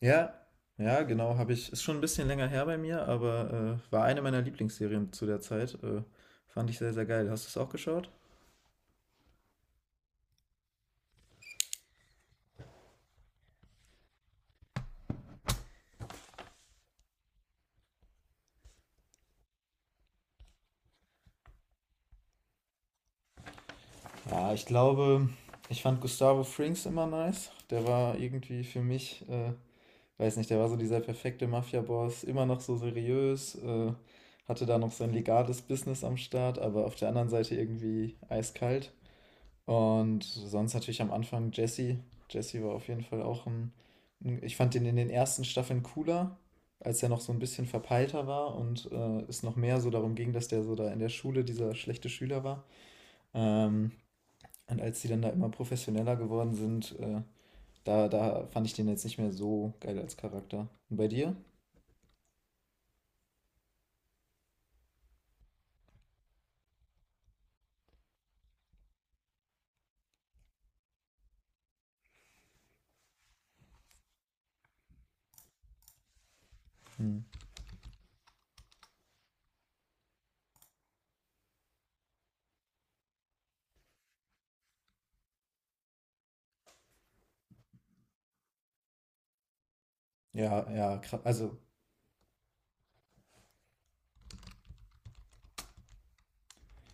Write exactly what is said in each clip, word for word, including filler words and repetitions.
Ja, ja, genau, habe ich. Ist schon ein bisschen länger her bei mir, aber, äh, war eine meiner Lieblingsserien zu der Zeit. Äh, fand ich sehr, sehr geil. Hast du es auch geschaut? Ja, ich glaube, ich fand Gustavo Fring's immer nice. Der war irgendwie für mich äh, weiß nicht, der war so dieser perfekte Mafiaboss, immer noch so seriös, äh, hatte da noch sein legales Business am Start, aber auf der anderen Seite irgendwie eiskalt. Und sonst natürlich am Anfang Jesse. Jesse war auf jeden Fall auch ein, ein Ich fand den in den ersten Staffeln cooler, als er noch so ein bisschen verpeilter war und äh, es noch mehr so darum ging, dass der so da in der Schule dieser schlechte Schüler war. Ähm, und als die dann da immer professioneller geworden sind, äh, da, da fand ich den jetzt nicht mehr so geil als Charakter. Und bei dir? Hm. Ja, ja, kra- also.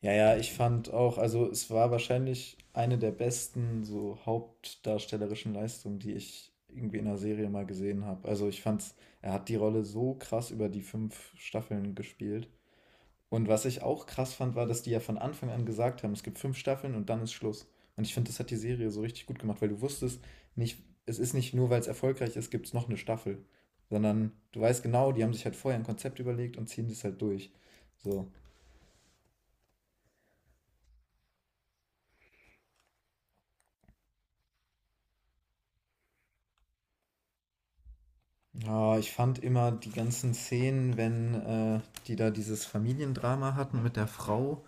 Ja, ja, ich fand auch, also es war wahrscheinlich eine der besten so hauptdarstellerischen Leistungen, die ich irgendwie in einer Serie mal gesehen habe. Also ich fand's, er hat die Rolle so krass über die fünf Staffeln gespielt. Und was ich auch krass fand, war, dass die ja von Anfang an gesagt haben, es gibt fünf Staffeln und dann ist Schluss. Und ich finde, das hat die Serie so richtig gut gemacht, weil du wusstest nicht, es ist nicht nur, weil es erfolgreich ist, gibt es noch eine Staffel, sondern du weißt genau, die haben sich halt vorher ein Konzept überlegt und ziehen das halt durch. So. Ja, ich fand immer die ganzen Szenen, wenn äh, die da dieses Familiendrama hatten mit der Frau.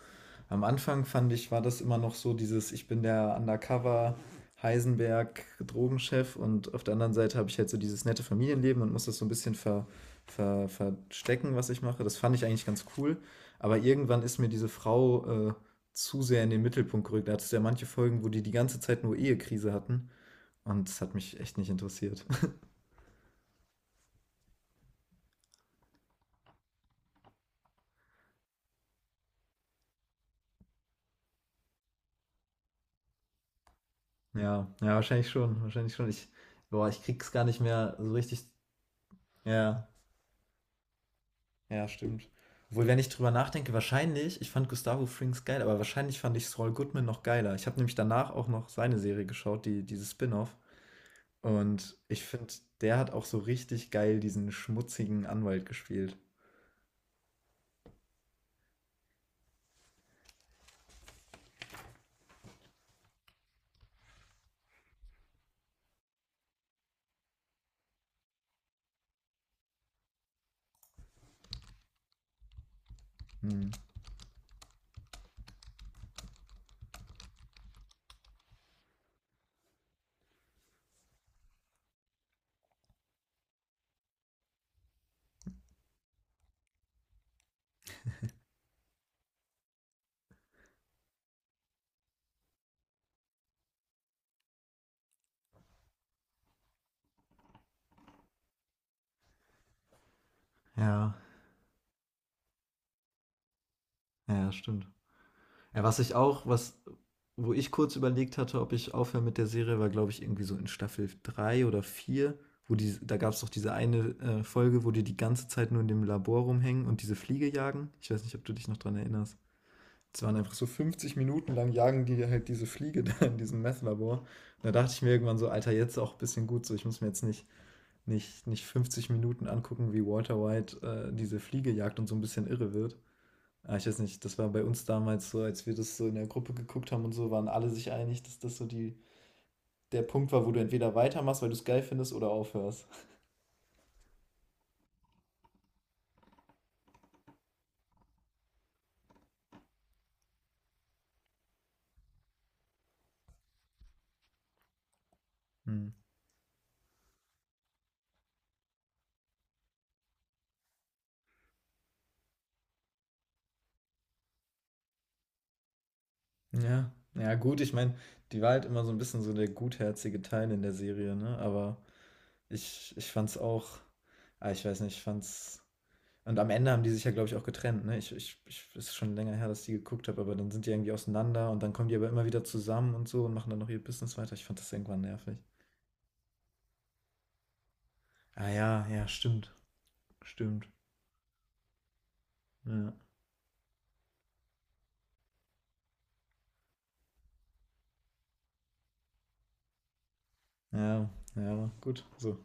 Am Anfang fand ich, war das immer noch so dieses, ich bin der Undercover Heisenberg Drogenchef und auf der anderen Seite habe ich halt so dieses nette Familienleben und muss das so ein bisschen ver, ver, verstecken, was ich mache. Das fand ich eigentlich ganz cool. Aber irgendwann ist mir diese Frau äh, zu sehr in den Mittelpunkt gerückt. Da hat es ja manche Folgen, wo die die ganze Zeit nur Ehekrise hatten und es hat mich echt nicht interessiert. Ja, ja, wahrscheinlich schon, wahrscheinlich schon. Ich, boah, ich krieg's gar nicht mehr so richtig. Ja, ja, stimmt. Obwohl, wenn ich drüber nachdenke, wahrscheinlich, ich fand Gustavo Frings geil, aber wahrscheinlich fand ich Saul Goodman noch geiler. Ich habe nämlich danach auch noch seine Serie geschaut, die, dieses Spin-off. Und ich finde, der hat auch so richtig geil diesen schmutzigen Anwalt gespielt. Hm. Ja, ja, stimmt. Ja, was ich auch, was, wo ich kurz überlegt hatte, ob ich aufhöre mit der Serie, war, glaube ich, irgendwie so in Staffel drei oder vier, wo die, da gab es doch diese eine äh, Folge, wo die die ganze Zeit nur in dem Labor rumhängen und diese Fliege jagen. Ich weiß nicht, ob du dich noch dran erinnerst. Es waren einfach so fünfzig Minuten lang jagen die halt diese Fliege da in diesem Meth-Labor. Und da dachte ich mir irgendwann so, Alter, jetzt auch ein bisschen gut so. Ich muss mir jetzt nicht, nicht, nicht fünfzig Minuten angucken, wie Walter White äh, diese Fliege jagt und so ein bisschen irre wird. Ah, ich weiß nicht, das war bei uns damals so, als wir das so in der Gruppe geguckt haben und so, waren alle sich einig, dass das so die, der Punkt war, wo du entweder weitermachst, weil du es geil findest, oder aufhörst. Hm. Ja, ja, gut, ich meine, die war halt immer so ein bisschen so der gutherzige Teil in der Serie, ne? Aber ich, ich fand's auch, ah, ich weiß nicht, ich fand's. Und am Ende haben die sich ja, glaube ich, auch getrennt, ne? Ich, ich, ich, ist schon länger her, dass ich die geguckt habe, aber dann sind die irgendwie auseinander und dann kommen die aber immer wieder zusammen und so und machen dann noch ihr Business weiter. Ich fand das irgendwann nervig. Ah ja, ja, stimmt. Stimmt. Ja, ja, ja, gut. So,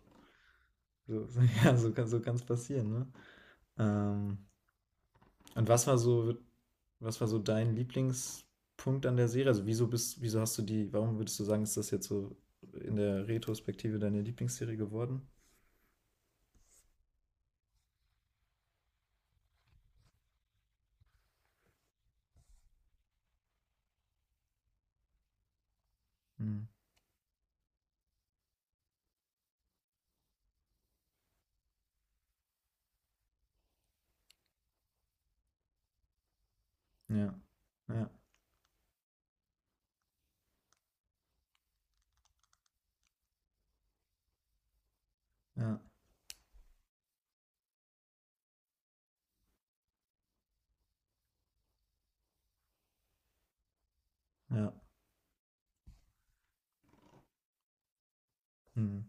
so, so, ja, so kann so kann's passieren, ne? Ähm, und was war so, was war so dein Lieblingspunkt an der Serie? Also wieso bist, wieso hast du die, warum würdest du sagen, ist das jetzt so in der Retrospektive deine Lieblingsserie geworden? Hm. Ja, ja, ja, ja. Hm.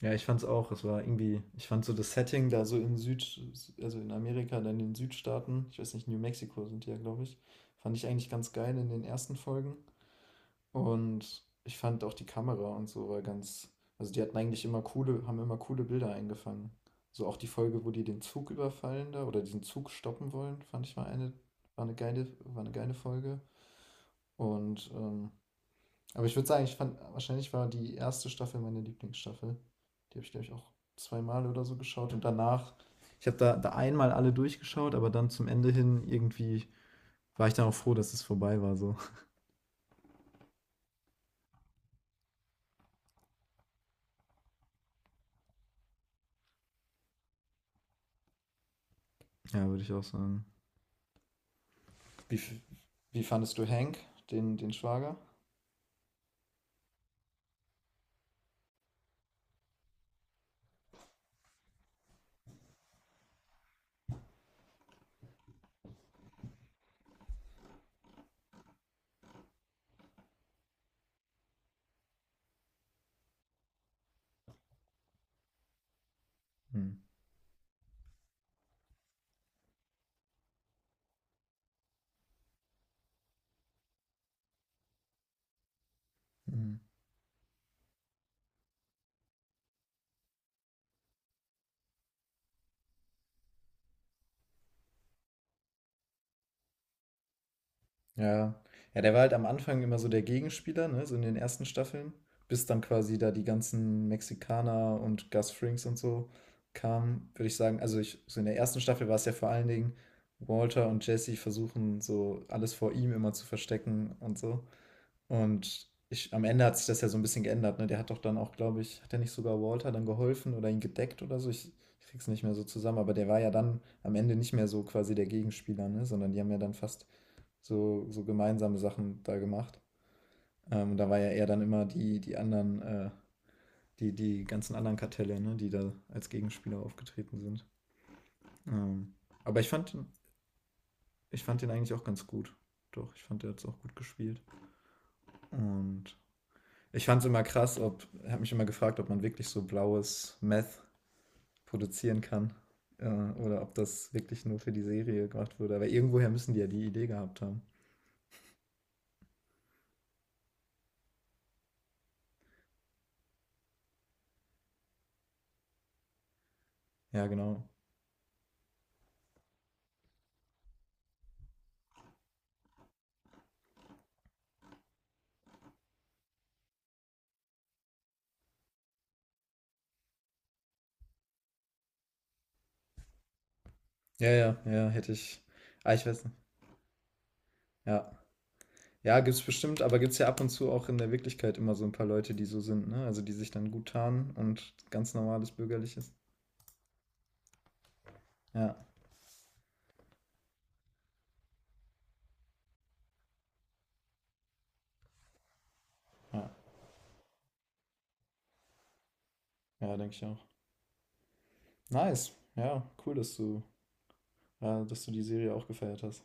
Ja, ich fand's auch. Es war irgendwie, ich fand so das Setting da so in Süd, also in Amerika, dann in den Südstaaten, ich weiß nicht, New Mexico sind die ja, glaube ich, fand ich eigentlich ganz geil in den ersten Folgen. Und ich fand auch die Kamera und so war ganz, also die hatten eigentlich immer coole, haben immer coole Bilder eingefangen. So auch die Folge, wo die den Zug überfallen da oder diesen Zug stoppen wollen, fand ich mal eine, war eine geile, war eine geile Folge. Und ähm, aber ich würde sagen, ich fand, wahrscheinlich war die erste Staffel meine Lieblingsstaffel. Die habe ich, glaube ich, auch zweimal oder so geschaut. Und danach, ich habe da, da einmal alle durchgeschaut, aber dann zum Ende hin irgendwie war ich dann auch froh, dass es vorbei war. So. Ja, würde ich auch sagen. Wie, wie fandest du Hank, den, den Schwager? Hm. Mhm. Ja. Ja, der war halt am Anfang immer so der Gegenspieler, ne, so in den ersten Staffeln, bis dann quasi da die ganzen Mexikaner und Gus Frings und so kamen, würde ich sagen. Also ich, so in der ersten Staffel war es ja vor allen Dingen Walter und Jesse versuchen so alles vor ihm immer zu verstecken und so. Und ich, am Ende hat sich das ja so ein bisschen geändert, ne? Der hat doch dann auch, glaube ich, hat er nicht sogar Walter dann geholfen oder ihn gedeckt oder so? Ich ich krieg's nicht mehr so zusammen, aber der war ja dann am Ende nicht mehr so quasi der Gegenspieler, ne, sondern die haben ja dann fast so so gemeinsame Sachen da gemacht. Ähm, da war ja eher dann immer die die anderen, äh die die ganzen anderen Kartelle, ne, die da als Gegenspieler aufgetreten sind. Ähm, aber ich fand ich fand den eigentlich auch ganz gut. Doch, ich fand, der hat es auch gut gespielt. Und ich fand es immer krass, ob, habe mich immer gefragt, ob man wirklich so blaues Meth produzieren kann. Äh, oder ob das wirklich nur für die Serie gemacht wurde. Aber irgendwoher müssen die ja die Idee gehabt haben. Ja, genau. Ja, ja, ja, hätte ich. Ah, ich weiß nicht. Ja. Ja, gibt's bestimmt, aber gibt's ja ab und zu auch in der Wirklichkeit immer so ein paar Leute, die so sind, ne? Also die sich dann gut tarnen und ganz normales Bürgerliches. Ja, ja, ja, denke ich auch. Nice. Ja, cool, dass du, ja, dass du die Serie auch gefeiert hast.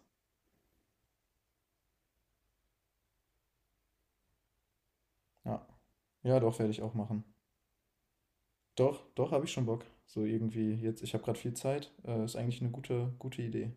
Ja. Ja, doch, werde ich auch machen. Doch, doch, habe ich schon Bock. So irgendwie jetzt, ich habe gerade viel Zeit. Äh, ist eigentlich eine gute, gute Idee.